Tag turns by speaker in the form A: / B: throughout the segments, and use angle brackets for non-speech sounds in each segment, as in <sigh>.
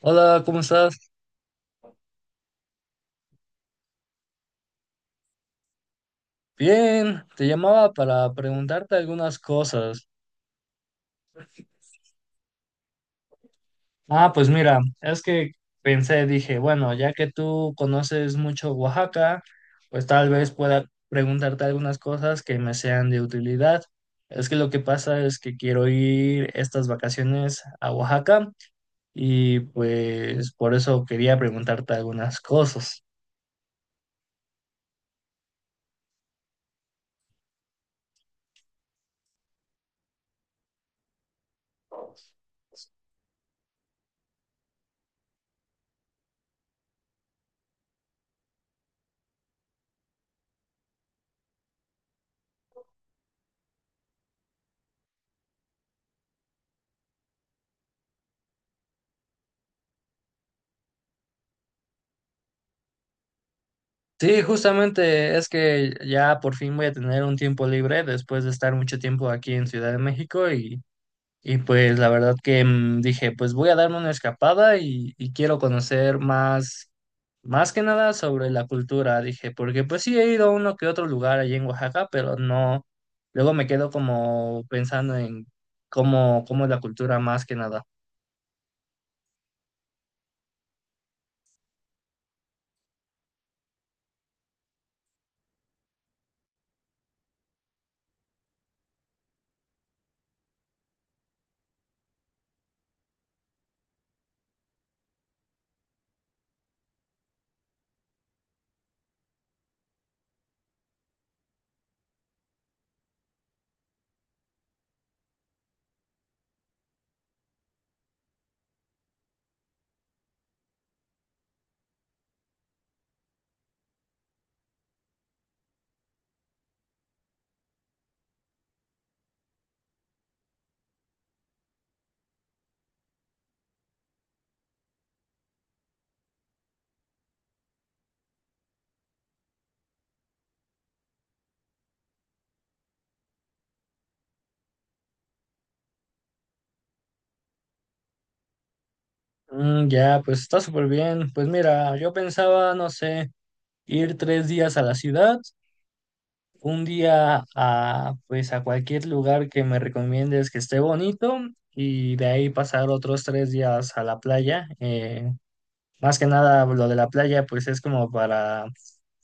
A: Hola, ¿cómo estás? Bien, te llamaba para preguntarte algunas cosas. Ah, pues mira, es que pensé, dije, bueno, ya que tú conoces mucho Oaxaca, pues tal vez pueda preguntarte algunas cosas que me sean de utilidad. Es que lo que pasa es que quiero ir estas vacaciones a Oaxaca y pues por eso quería preguntarte algunas cosas. Sí, justamente es que ya por fin voy a tener un tiempo libre después de estar mucho tiempo aquí en Ciudad de México y pues la verdad que dije, pues voy a darme una escapada y quiero conocer más, más que nada sobre la cultura, dije, porque pues sí he ido a uno que otro lugar allí en Oaxaca, pero no, luego me quedo como pensando en cómo es la cultura más que nada. Mm, ya, pues está súper bien. Pues mira, yo pensaba, no sé, ir 3 días a la ciudad, un día a, pues, a cualquier lugar que me recomiendes que esté bonito y de ahí pasar otros 3 días a la playa. Más que nada lo de la playa pues es como para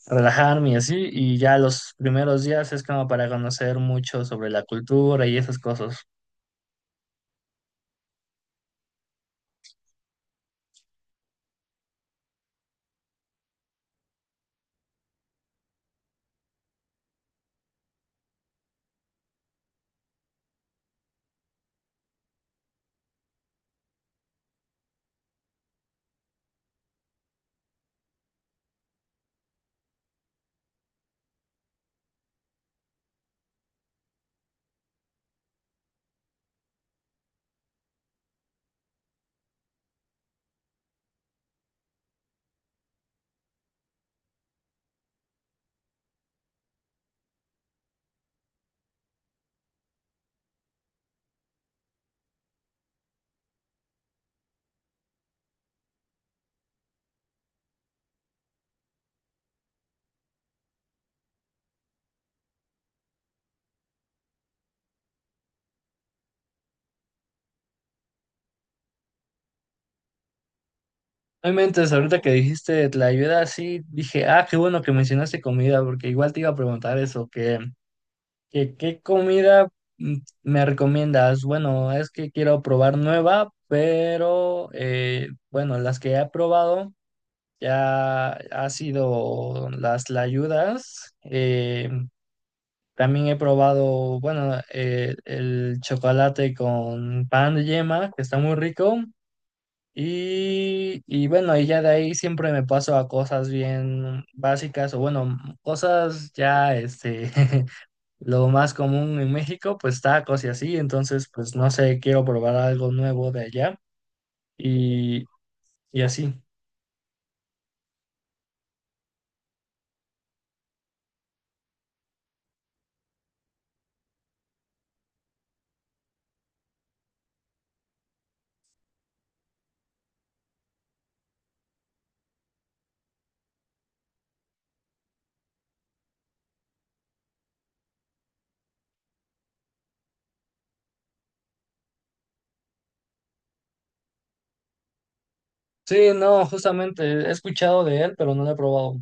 A: relajarme y así, y ya los primeros días es como para conocer mucho sobre la cultura y esas cosas. Obviamente, ahorita que dijiste la ayuda, sí dije, ah, qué bueno que mencionaste comida porque igual te iba a preguntar eso, que... ¿Qué comida, mm, me recomiendas? Bueno, es que quiero probar nueva, pero bueno, las que he probado ya ha sido las layudas. También he probado, bueno, el chocolate con pan de yema, que está muy rico. Y bueno, y ya de ahí siempre me paso a cosas bien básicas o bueno, cosas ya este <laughs> lo más común en México, pues tacos y así, entonces, pues no sé, quiero probar algo nuevo de allá y, y así. Sí, no, justamente he escuchado de él, pero no lo he probado.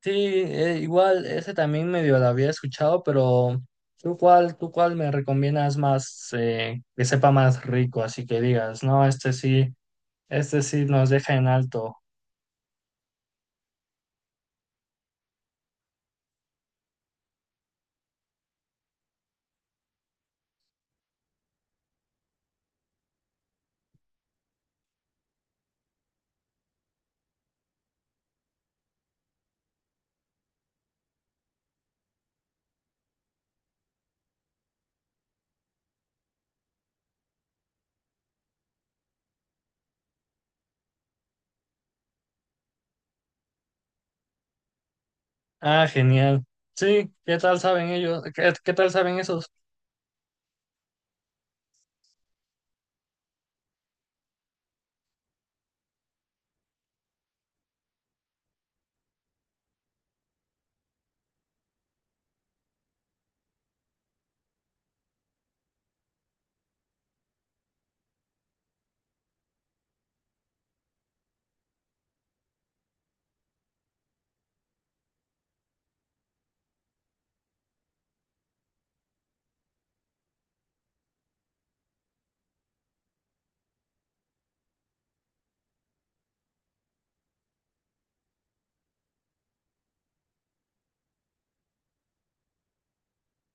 A: Sí, igual ese también medio lo había escuchado, pero ¿tú cuál me recomiendas más, que sepa más rico? Así que digas, no, este sí nos deja en alto. Ah, genial. Sí, ¿qué tal saben ellos? ¿Qué, qué tal saben esos?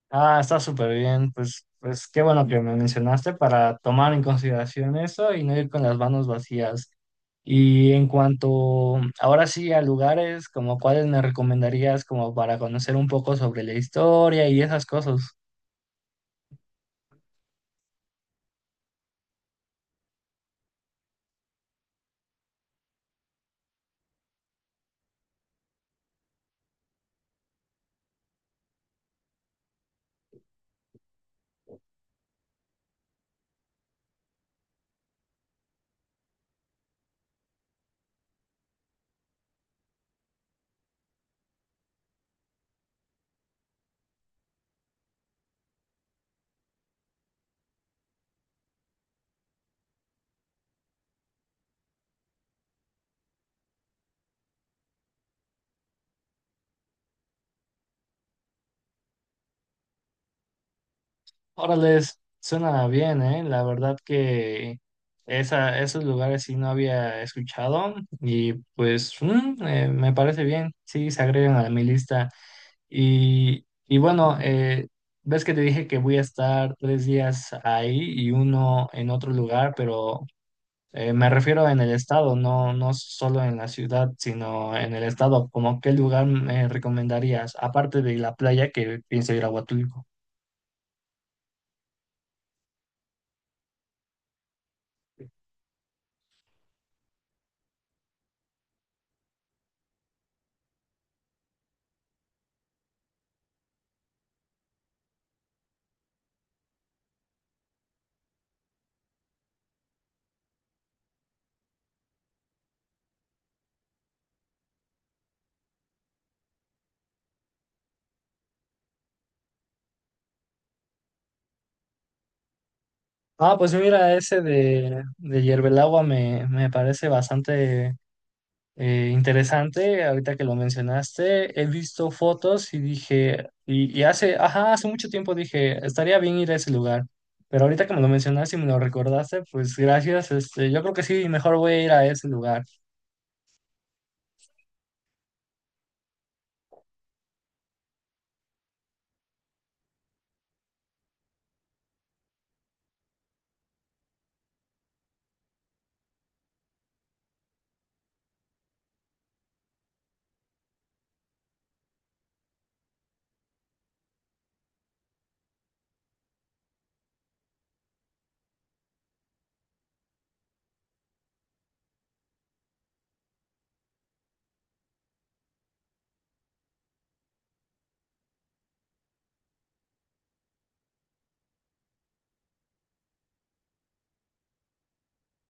A: Ah, está súper bien. Pues, pues qué bueno que me mencionaste para tomar en consideración eso y no ir con las manos vacías. Y en cuanto ahora sí a lugares, como cuáles me recomendarías como para conocer un poco sobre la historia y esas cosas. Órale, suena bien, ¿eh? La verdad que esos lugares sí no había escuchado y pues me parece bien, sí, se agregan a mi lista. Y bueno, ves que te dije que voy a estar 3 días ahí y uno en otro lugar, pero me refiero en el estado, no, no solo en la ciudad, sino en el estado. ¿Como qué lugar me recomendarías, aparte de la playa que pienso ir a Huatulco? Ah, pues mira, ese de Hierve el Agua me parece bastante, eh, interesante. Ahorita que lo mencionaste, he visto fotos y dije, y hace, ajá, hace mucho tiempo dije, estaría bien ir a ese lugar, pero ahorita que me lo mencionaste y me lo recordaste, pues gracias, este, yo creo que sí, mejor voy a ir a ese lugar.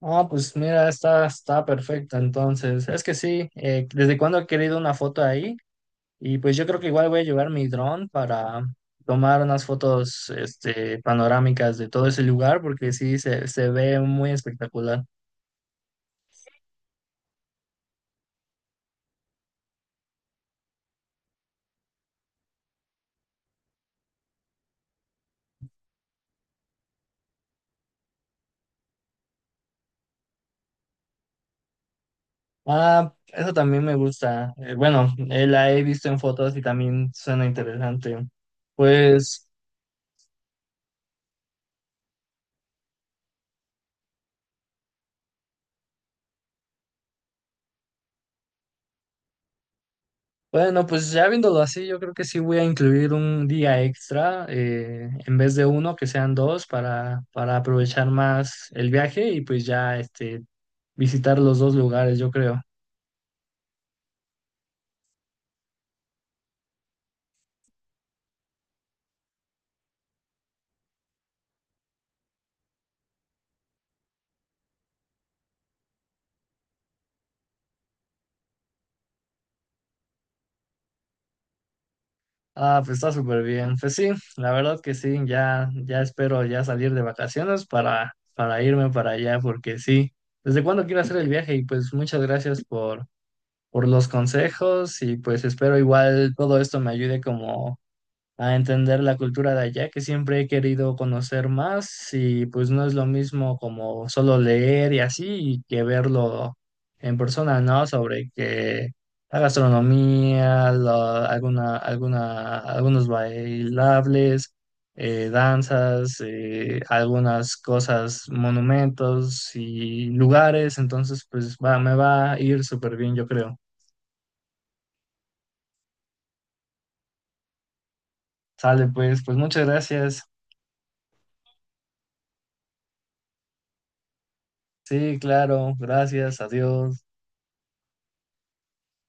A: Ah, pues mira, está perfecta, entonces, es que sí, desde cuando he querido una foto ahí, y pues yo creo que igual voy a llevar mi dron para tomar unas fotos, este, panorámicas de todo ese lugar, porque sí, se ve muy espectacular. Ah, eso también me gusta. Bueno, la he visto en fotos y también suena interesante. Pues, bueno, pues ya viéndolo así, yo creo que sí voy a incluir un día extra, en vez de uno, que sean dos, para aprovechar más el viaje y pues ya este, visitar los dos lugares, yo creo. Ah, pues está súper bien. Pues sí, la verdad que sí, ya, ya espero ya salir de vacaciones para, irme para allá, porque sí. ¿Desde cuándo quiero hacer el viaje? Y pues muchas gracias por los consejos y pues espero igual todo esto me ayude como a entender la cultura de allá, que siempre he querido conocer más y pues no es lo mismo como solo leer y así y que verlo en persona, ¿no? Sobre que la gastronomía, algunos bailables, danzas, algunas cosas, monumentos y lugares, entonces pues va, me va a ir súper bien, yo creo. Sale pues, pues muchas gracias. Sí, claro, gracias, adiós.